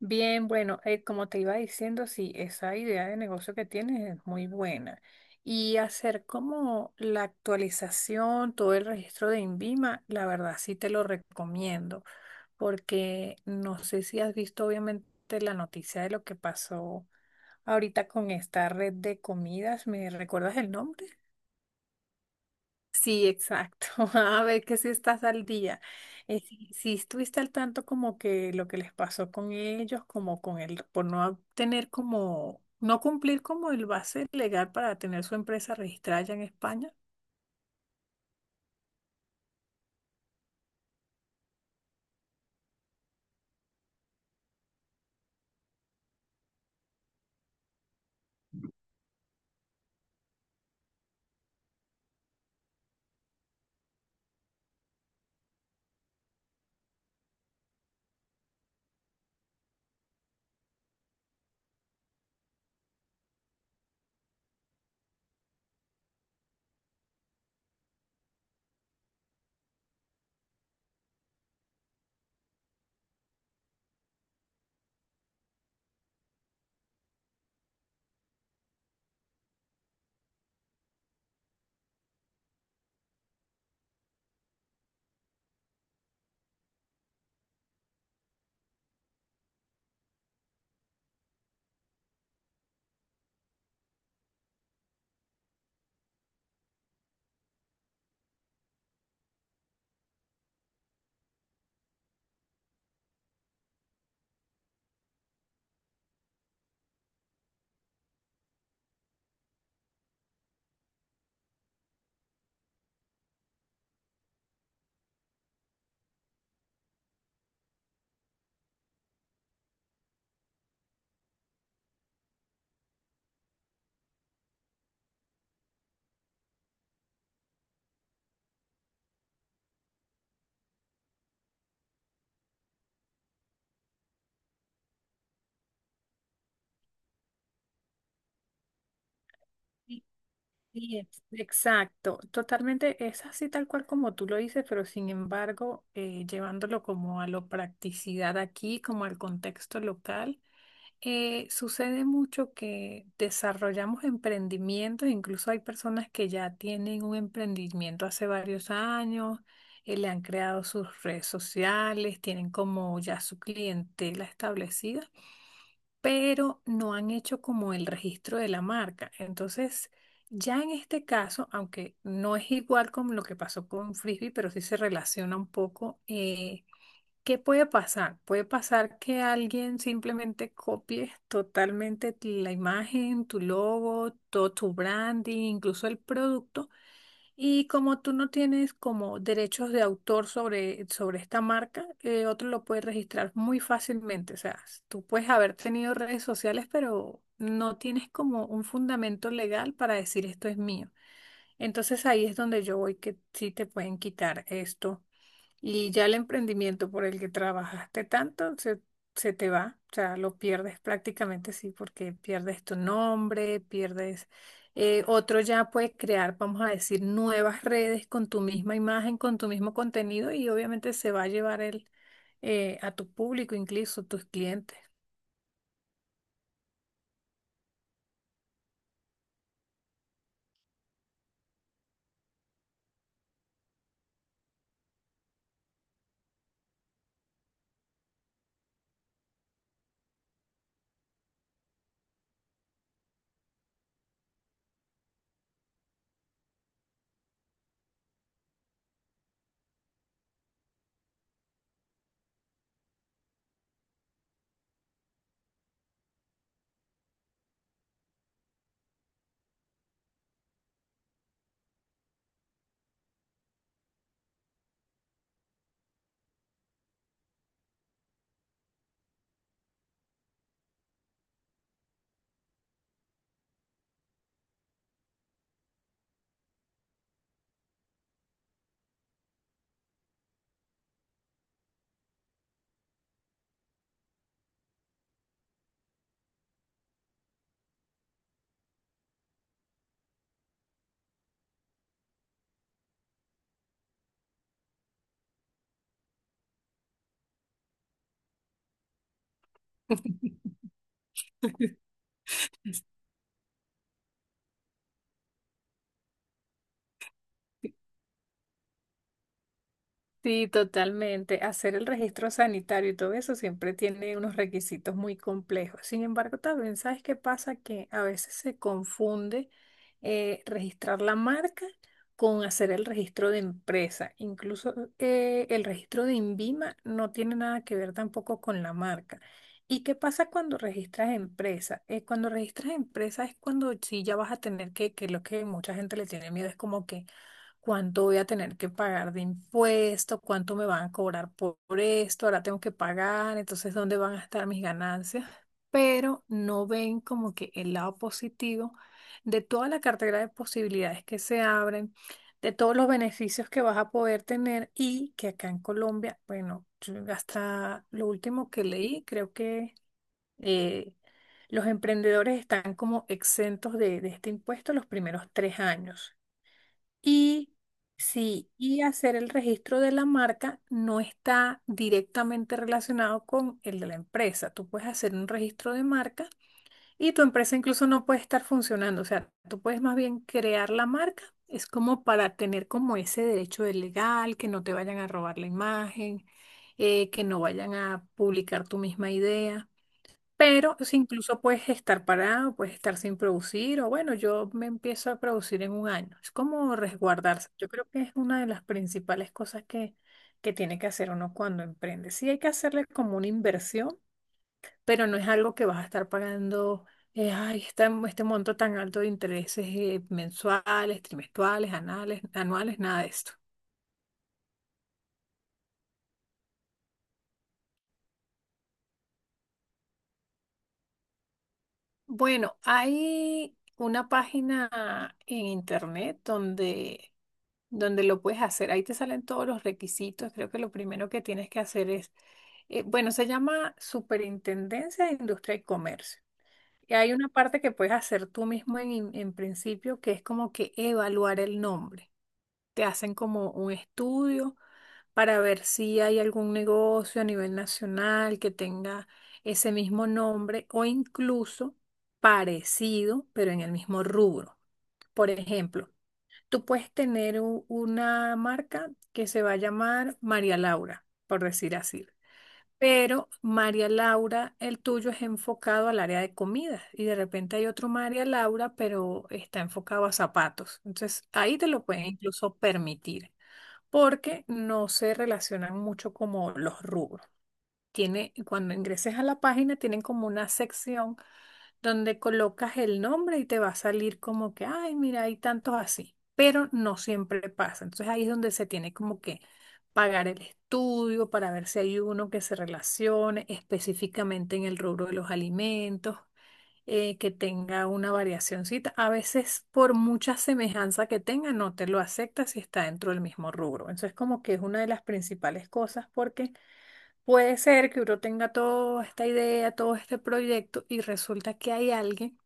Bien, bueno, como te iba diciendo, sí, esa idea de negocio que tienes es muy buena. Y hacer como la actualización, todo el registro de INVIMA, la verdad sí te lo recomiendo, porque no sé si has visto obviamente la noticia de lo que pasó ahorita con esta red de comidas. ¿Me recuerdas el nombre? Sí, exacto. A ver que si estás al día. Si estuviste al tanto como que lo que les pasó con ellos, como con el, por no tener como, no cumplir como el base legal para tener su empresa registrada allá en España. Sí, Exacto, totalmente es así tal cual como tú lo dices, pero sin embargo, llevándolo como a la practicidad aquí, como al contexto local. Sucede mucho que desarrollamos emprendimientos, incluso hay personas que ya tienen un emprendimiento hace varios años, le han creado sus redes sociales, tienen como ya su clientela establecida, pero no han hecho como el registro de la marca. Entonces, ya en este caso, aunque no es igual como lo que pasó con Frisbee, pero sí se relaciona un poco. ¿Qué puede pasar? Puede pasar que alguien simplemente copie totalmente la imagen, tu logo, todo tu branding, incluso el producto. Y como tú no tienes como derechos de autor sobre esta marca, otro lo puede registrar muy fácilmente. O sea, tú puedes haber tenido redes sociales, pero no tienes como un fundamento legal para decir esto es mío. Entonces ahí es donde yo voy que sí te pueden quitar esto y ya el emprendimiento por el que trabajaste tanto se te va, o sea, lo pierdes prácticamente, sí, porque pierdes tu nombre, pierdes... otro ya puede crear, vamos a decir, nuevas redes con tu misma imagen, con tu mismo contenido y obviamente se va a llevar a tu público, incluso tus clientes. Sí, totalmente. Hacer el registro sanitario y todo eso siempre tiene unos requisitos muy complejos. Sin embargo, también, ¿sabes qué pasa? Que a veces se confunde registrar la marca con hacer el registro de empresa. Incluso el registro de INVIMA no tiene nada que ver tampoco con la marca. ¿Y qué pasa cuando registras empresa? Cuando registras empresa es cuando sí ya vas a tener que lo que mucha gente le tiene miedo es como que cuánto voy a tener que pagar de impuesto, cuánto me van a cobrar por esto, ahora tengo que pagar, entonces dónde van a estar mis ganancias, pero no ven como que el lado positivo de toda la cartera de posibilidades que se abren, de todos los beneficios que vas a poder tener y que acá en Colombia, bueno, yo hasta lo último que leí, creo que... eh, los emprendedores están como exentos de este impuesto los primeros 3 años. Y sí, y hacer el registro de la marca no está directamente relacionado con el de la empresa. Tú puedes hacer un registro de marca y tu empresa incluso no puede estar funcionando. O sea, tú puedes más bien crear la marca. Es como para tener como ese derecho de legal, que no te vayan a robar la imagen, que no vayan a publicar tu misma idea. Pero si incluso puedes estar parado, puedes estar sin producir, o bueno, yo me empiezo a producir en 1 año. Es como resguardarse. Yo creo que es una de las principales cosas que tiene que hacer uno cuando emprende. Sí hay que hacerle como una inversión, pero no es algo que vas a estar pagando, ay, este monto tan alto de intereses mensuales, trimestrales, anuales, nada de esto. Bueno, hay una página en internet donde lo puedes hacer. Ahí te salen todos los requisitos. Creo que lo primero que tienes que hacer bueno, se llama Superintendencia de Industria y Comercio. Y hay una parte que puedes hacer tú mismo en principio, que es como que evaluar el nombre. Te hacen como un estudio para ver si hay algún negocio a nivel nacional que tenga ese mismo nombre o incluso parecido, pero en el mismo rubro. Por ejemplo, tú puedes tener una marca que se va a llamar María Laura, por decir así. Pero María Laura, el tuyo es enfocado al área de comidas y de repente hay otro María Laura, pero está enfocado a zapatos. Entonces ahí te lo pueden incluso permitir porque no se relacionan mucho como los rubros. Tiene, cuando ingreses a la página, tienen como una sección donde colocas el nombre y te va a salir como que, ay, mira, hay tantos así, pero no siempre pasa. Entonces ahí es donde se tiene como que pagar el estudio para ver si hay uno que se relacione específicamente en el rubro de los alimentos, que tenga una variacióncita. A veces por mucha semejanza que tenga, no te lo acepta si está dentro del mismo rubro. Entonces como que es una de las principales cosas porque... puede ser que uno tenga toda esta idea, todo este proyecto y resulta que hay alguien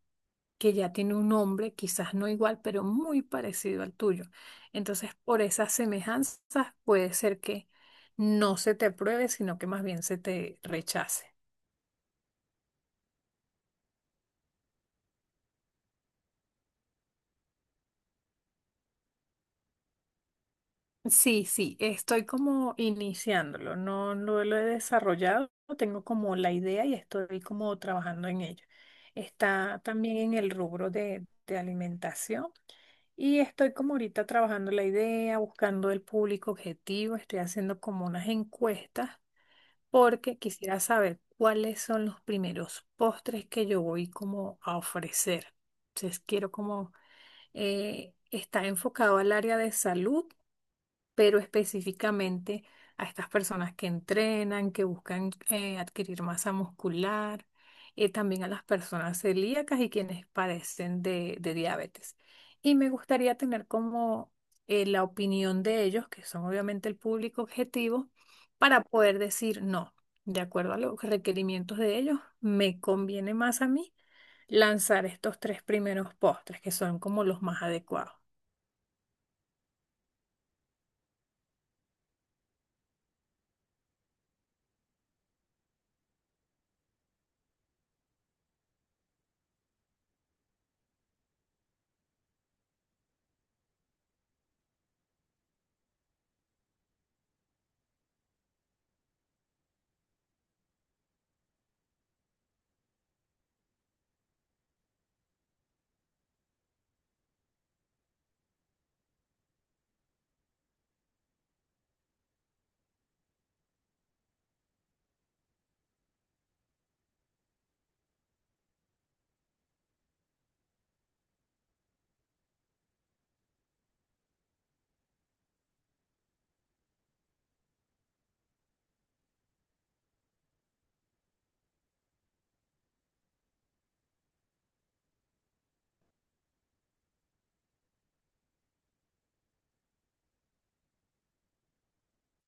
que ya tiene un nombre, quizás no igual, pero muy parecido al tuyo. Entonces, por esas semejanzas, puede ser que no se te apruebe, sino que más bien se te rechace. Sí, sí, estoy como iniciándolo, no, no lo he desarrollado, tengo como la idea y estoy como trabajando en ello. Está también en el rubro de alimentación y estoy como ahorita trabajando la idea, buscando el público objetivo, estoy haciendo como unas encuestas porque quisiera saber cuáles son los primeros postres que yo voy como a ofrecer. Entonces quiero como, está enfocado al área de salud pero específicamente a estas personas que entrenan, que buscan adquirir masa muscular, también a las personas celíacas y quienes padecen de diabetes. Y me gustaría tener como la opinión de ellos, que son obviamente el público objetivo, para poder decir no. De acuerdo a los requerimientos de ellos, me conviene más a mí lanzar estos 3 primeros postres, que son como los más adecuados.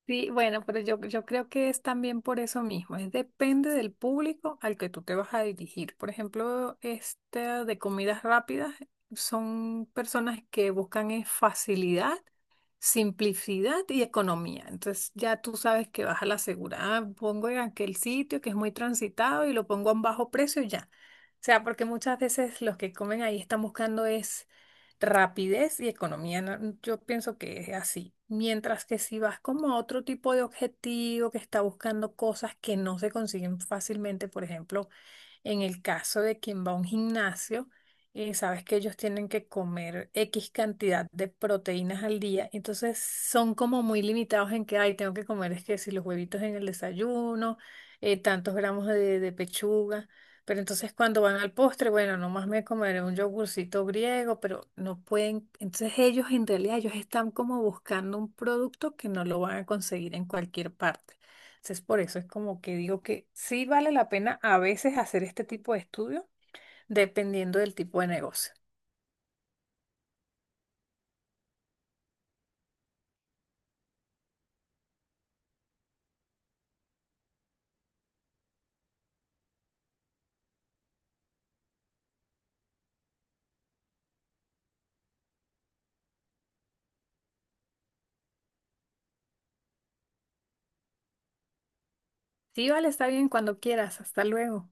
Sí, bueno, pero yo creo que es también por eso mismo, es depende del público al que tú te vas a dirigir. Por ejemplo, esta de comidas rápidas son personas que buscan es facilidad, simplicidad y economía. Entonces ya tú sabes que vas a la segura, "Ah, pongo en aquel sitio que es muy transitado y lo pongo a un bajo precio y ya." O sea, porque muchas veces los que comen ahí están buscando es rapidez y economía, ¿no? Mm, yo pienso que es así. Mientras que si vas como a otro tipo de objetivo que está buscando cosas que no se consiguen fácilmente, por ejemplo, en el caso de quien va a un gimnasio, sabes que ellos tienen que comer X cantidad de proteínas al día, entonces son como muy limitados en que, ay, tengo que comer, es que si los huevitos en el desayuno, tantos gramos de pechuga, pero entonces cuando van al postre, bueno, nomás me comeré un yogurcito griego, pero no pueden, entonces ellos en realidad, ellos están como buscando un producto que no lo van a conseguir en cualquier parte. Entonces, por eso es como que digo que sí vale la pena a veces hacer este tipo de estudio, dependiendo del tipo de negocio. Sí, vale, está bien cuando quieras. Hasta luego.